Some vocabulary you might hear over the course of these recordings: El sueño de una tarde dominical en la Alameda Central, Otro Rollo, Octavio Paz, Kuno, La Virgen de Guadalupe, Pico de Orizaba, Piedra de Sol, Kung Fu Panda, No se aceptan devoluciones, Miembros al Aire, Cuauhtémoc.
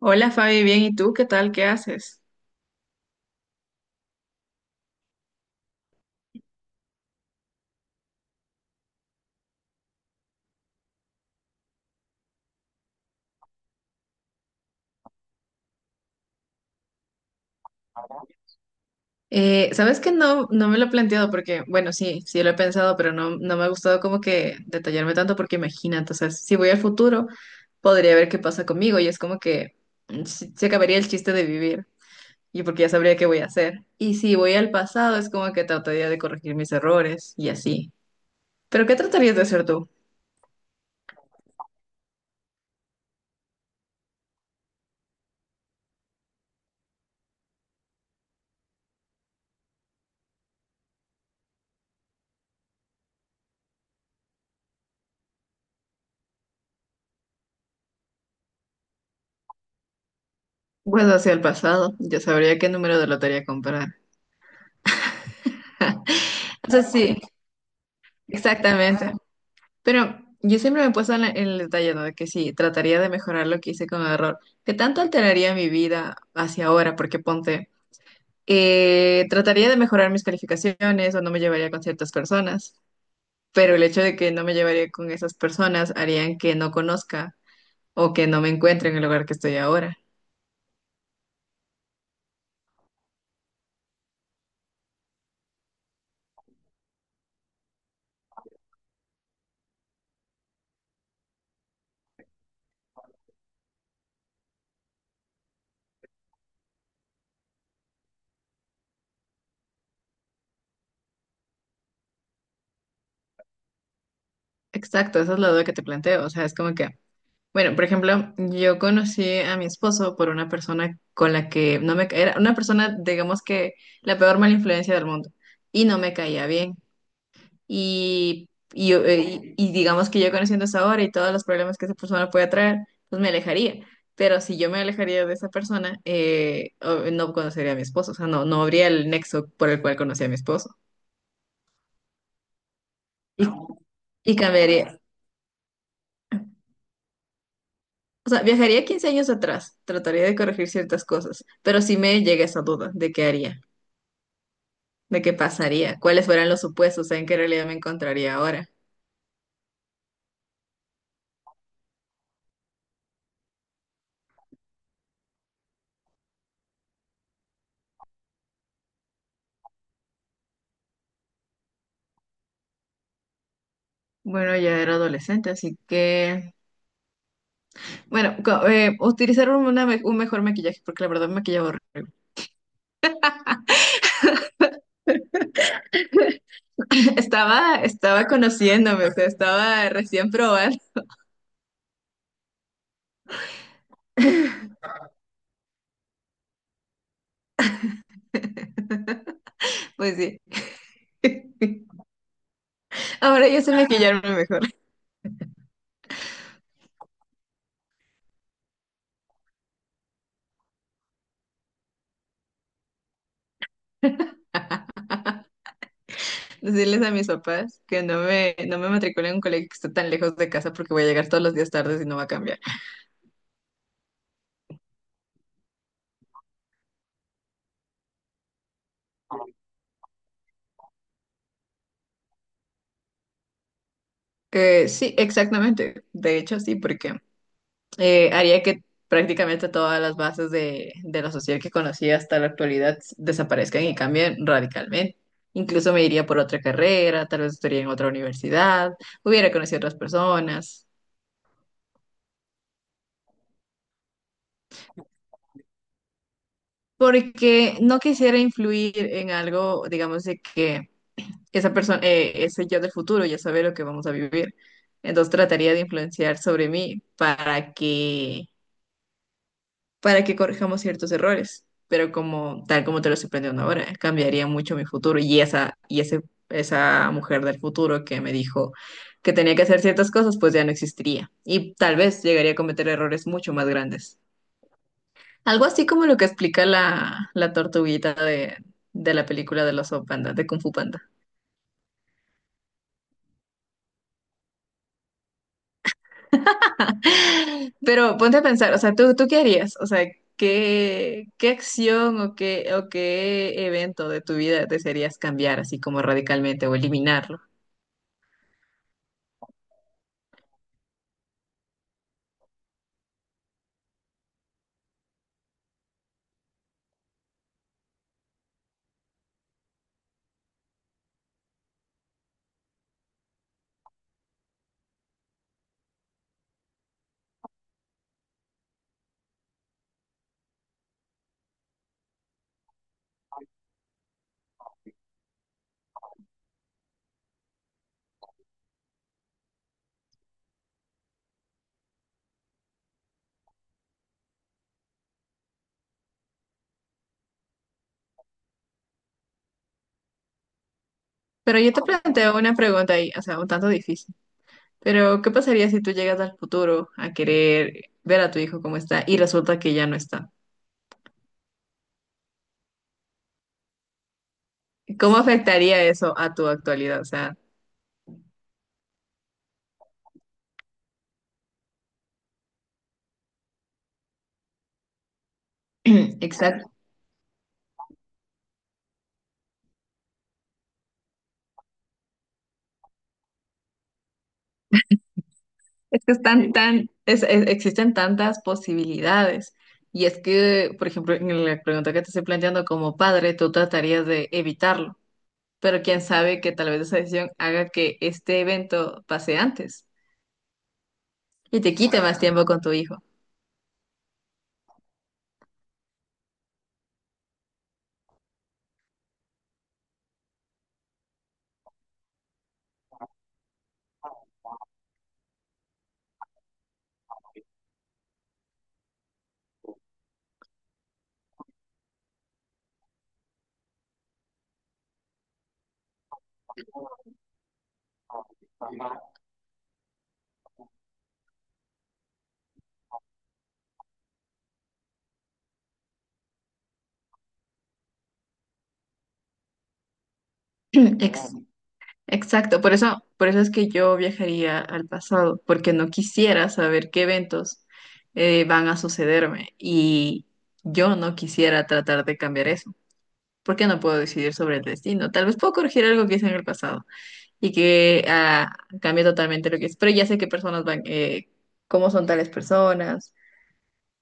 Hola Fabi, bien, ¿y tú qué tal? ¿Qué haces? Sabes que no, no me lo he planteado porque, bueno, sí, sí lo he pensado, pero no, no me ha gustado como que detallarme tanto porque imagínate, o sea, si voy al futuro, podría ver qué pasa conmigo y es como que se acabaría el chiste de vivir y porque ya sabría qué voy a hacer. Y si voy al pasado, es como que trataría de corregir mis errores y así. ¿Pero qué tratarías de hacer tú? Bueno, hacia el pasado, yo sabría qué número de lotería comprar. O sea, sí, exactamente. Pero yo siempre me he puesto en, en el detalle, ¿no? De que sí, trataría de mejorar lo que hice con el error. ¿Qué tanto alteraría mi vida hacia ahora? Porque ponte, trataría de mejorar mis calificaciones o no me llevaría con ciertas personas, pero el hecho de que no me llevaría con esas personas harían que no conozca o que no me encuentre en el lugar que estoy ahora. Exacto, esa es la duda que te planteo. O sea, es como que bueno, por ejemplo, yo conocí a mi esposo por una persona con la que no me ca- era una persona, digamos que la peor mala influencia del mundo y no me caía bien. Y digamos que yo conociendo esa hora y todos los problemas que esa persona puede traer, pues me alejaría. Pero si yo me alejaría de esa persona, no conocería a mi esposo, o sea, no, no habría el nexo por el cual conocí a mi esposo. Y, y cambiaría. O sea, viajaría 15 años atrás, trataría de corregir ciertas cosas, pero sí me llega esa duda de qué haría, de qué pasaría, cuáles fueran los supuestos, en qué realidad me encontraría ahora. Bueno, ya era adolescente, así que, bueno, utilizar un mejor maquillaje, porque la verdad me maquillaba horrible. Estaba conociéndome, o sea, estaba recién probando, pues sí. Ahora yo sé maquillarme mejor. Decirles a mis papás que no me matriculen en un colegio que esté tan lejos de casa porque voy a llegar todos los días tarde y no va a cambiar. Sí, exactamente. De hecho, sí, porque haría que prácticamente todas las bases de lo social que conocí hasta la actualidad desaparezcan y cambien radicalmente. Incluso me iría por otra carrera, tal vez estaría en otra universidad, hubiera conocido otras personas, porque no quisiera influir en algo, digamos, de que esa persona, ese yo del futuro ya sabe lo que vamos a vivir. Entonces trataría de influenciar sobre mí para que corrijamos ciertos errores. Pero como, tal como te lo estoy planteando ahora, cambiaría mucho mi futuro. Esa mujer del futuro que me dijo que tenía que hacer ciertas cosas, pues ya no existiría. Y tal vez llegaría a cometer errores mucho más grandes. Algo así como lo que explica la tortuguita de la película de los Panda, de Kung Fu Panda. Pero ponte a pensar, o sea, ¿tú qué harías? O sea, ¿qué acción o qué evento de tu vida desearías cambiar así como radicalmente o eliminarlo? Pero yo te planteo una pregunta ahí, o sea, un tanto difícil. Pero, ¿qué pasaría si tú llegas al futuro a querer ver a tu hijo cómo está y resulta que ya no está? ¿Cómo afectaría eso a tu actualidad? O sea, exacto. Es que están tan, existen tantas posibilidades. Y es que, por ejemplo, en la pregunta que te estoy planteando como padre, tú tratarías de evitarlo, pero quién sabe que tal vez esa decisión haga que este evento pase antes y te quite más tiempo con tu hijo. Ex- exacto, por eso es que yo viajaría al pasado, porque no quisiera saber qué eventos van a sucederme y yo no quisiera tratar de cambiar eso. Por qué no puedo decidir sobre el destino. Tal vez puedo corregir algo que hice en el pasado y que cambie totalmente lo que es, pero ya sé qué personas van, cómo son tales personas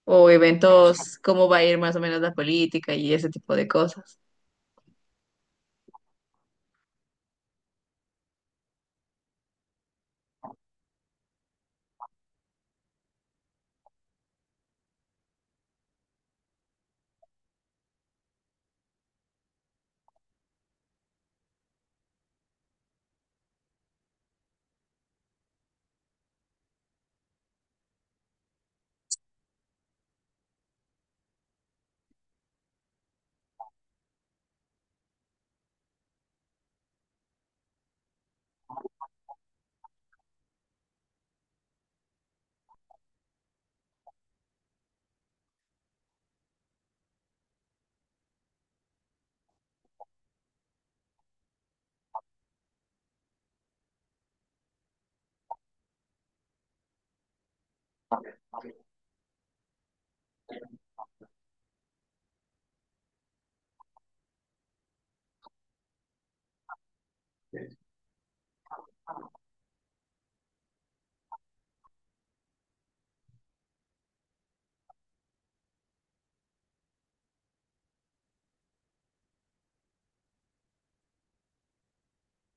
o eventos, cómo va a ir más o menos la política y ese tipo de cosas.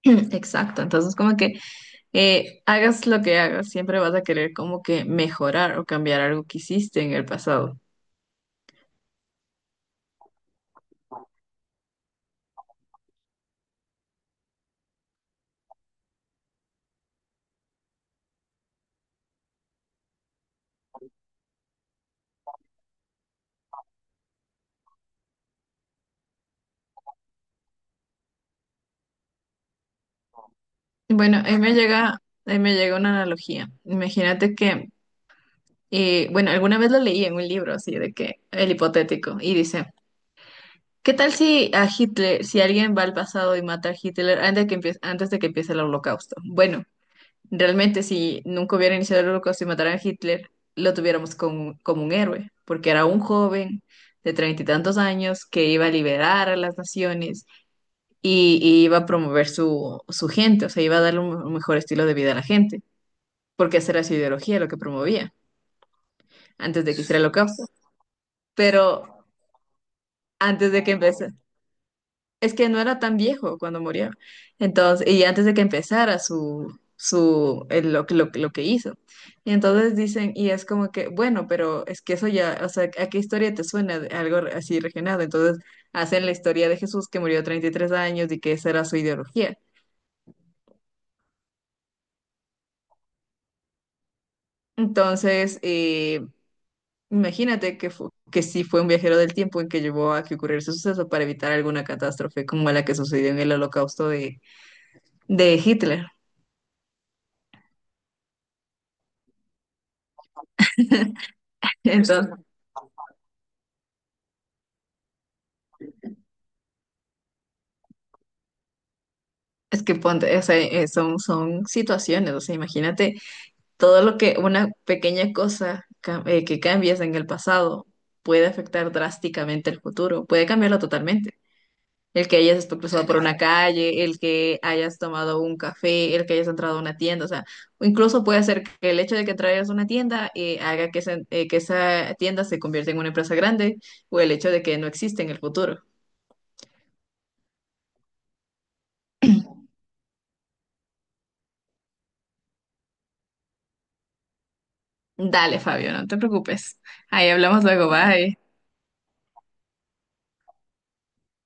Exacto, entonces como que hagas lo que hagas, siempre vas a querer como que mejorar o cambiar algo que hiciste en el pasado. Bueno, ahí me llega una analogía. Imagínate que bueno, alguna vez lo leí en un libro así de que el hipotético y dice: ¿qué tal si a Hitler, si alguien va al pasado y mata a Hitler antes de que empiece el holocausto? Bueno, realmente si nunca hubiera iniciado el holocausto y mataran a Hitler, lo tuviéramos como un héroe, porque era un joven de treinta y tantos años que iba a liberar a las naciones y iba a promover su gente, o sea, iba a darle un mejor estilo de vida a la gente, porque esa era su ideología, lo que promovía, antes de que hiciera el holocausto. Pero antes de que empezara. Es que no era tan viejo cuando murió. Entonces, y antes de que empezara su, su, el- lo, que- lo, que- lo que hizo. Y entonces dicen, y es como que, bueno, pero es que eso ya, o sea, ¿a qué historia te suena de algo así regenerado? Entonces, hacen la historia de Jesús que murió a 33 años y que esa era su ideología. Entonces, imagínate que, que sí fue un viajero del tiempo en que llevó a que ocurriera ese suceso para evitar alguna catástrofe como la que sucedió en el holocausto de Hitler. Entonces, es que ponte, o sea, son situaciones, o sea, imagínate todo lo que una pequeña cosa que cambies en el pasado puede afectar drásticamente el futuro, puede cambiarlo totalmente. El que hayas cruzado por una calle, el que hayas tomado un café, el que hayas entrado a una tienda, o sea, o incluso puede ser que el hecho de que traigas una tienda haga que que esa tienda se convierta en una empresa grande o el hecho de que no existe en el futuro. Dale, Fabio, no te preocupes. Ahí hablamos luego, bye.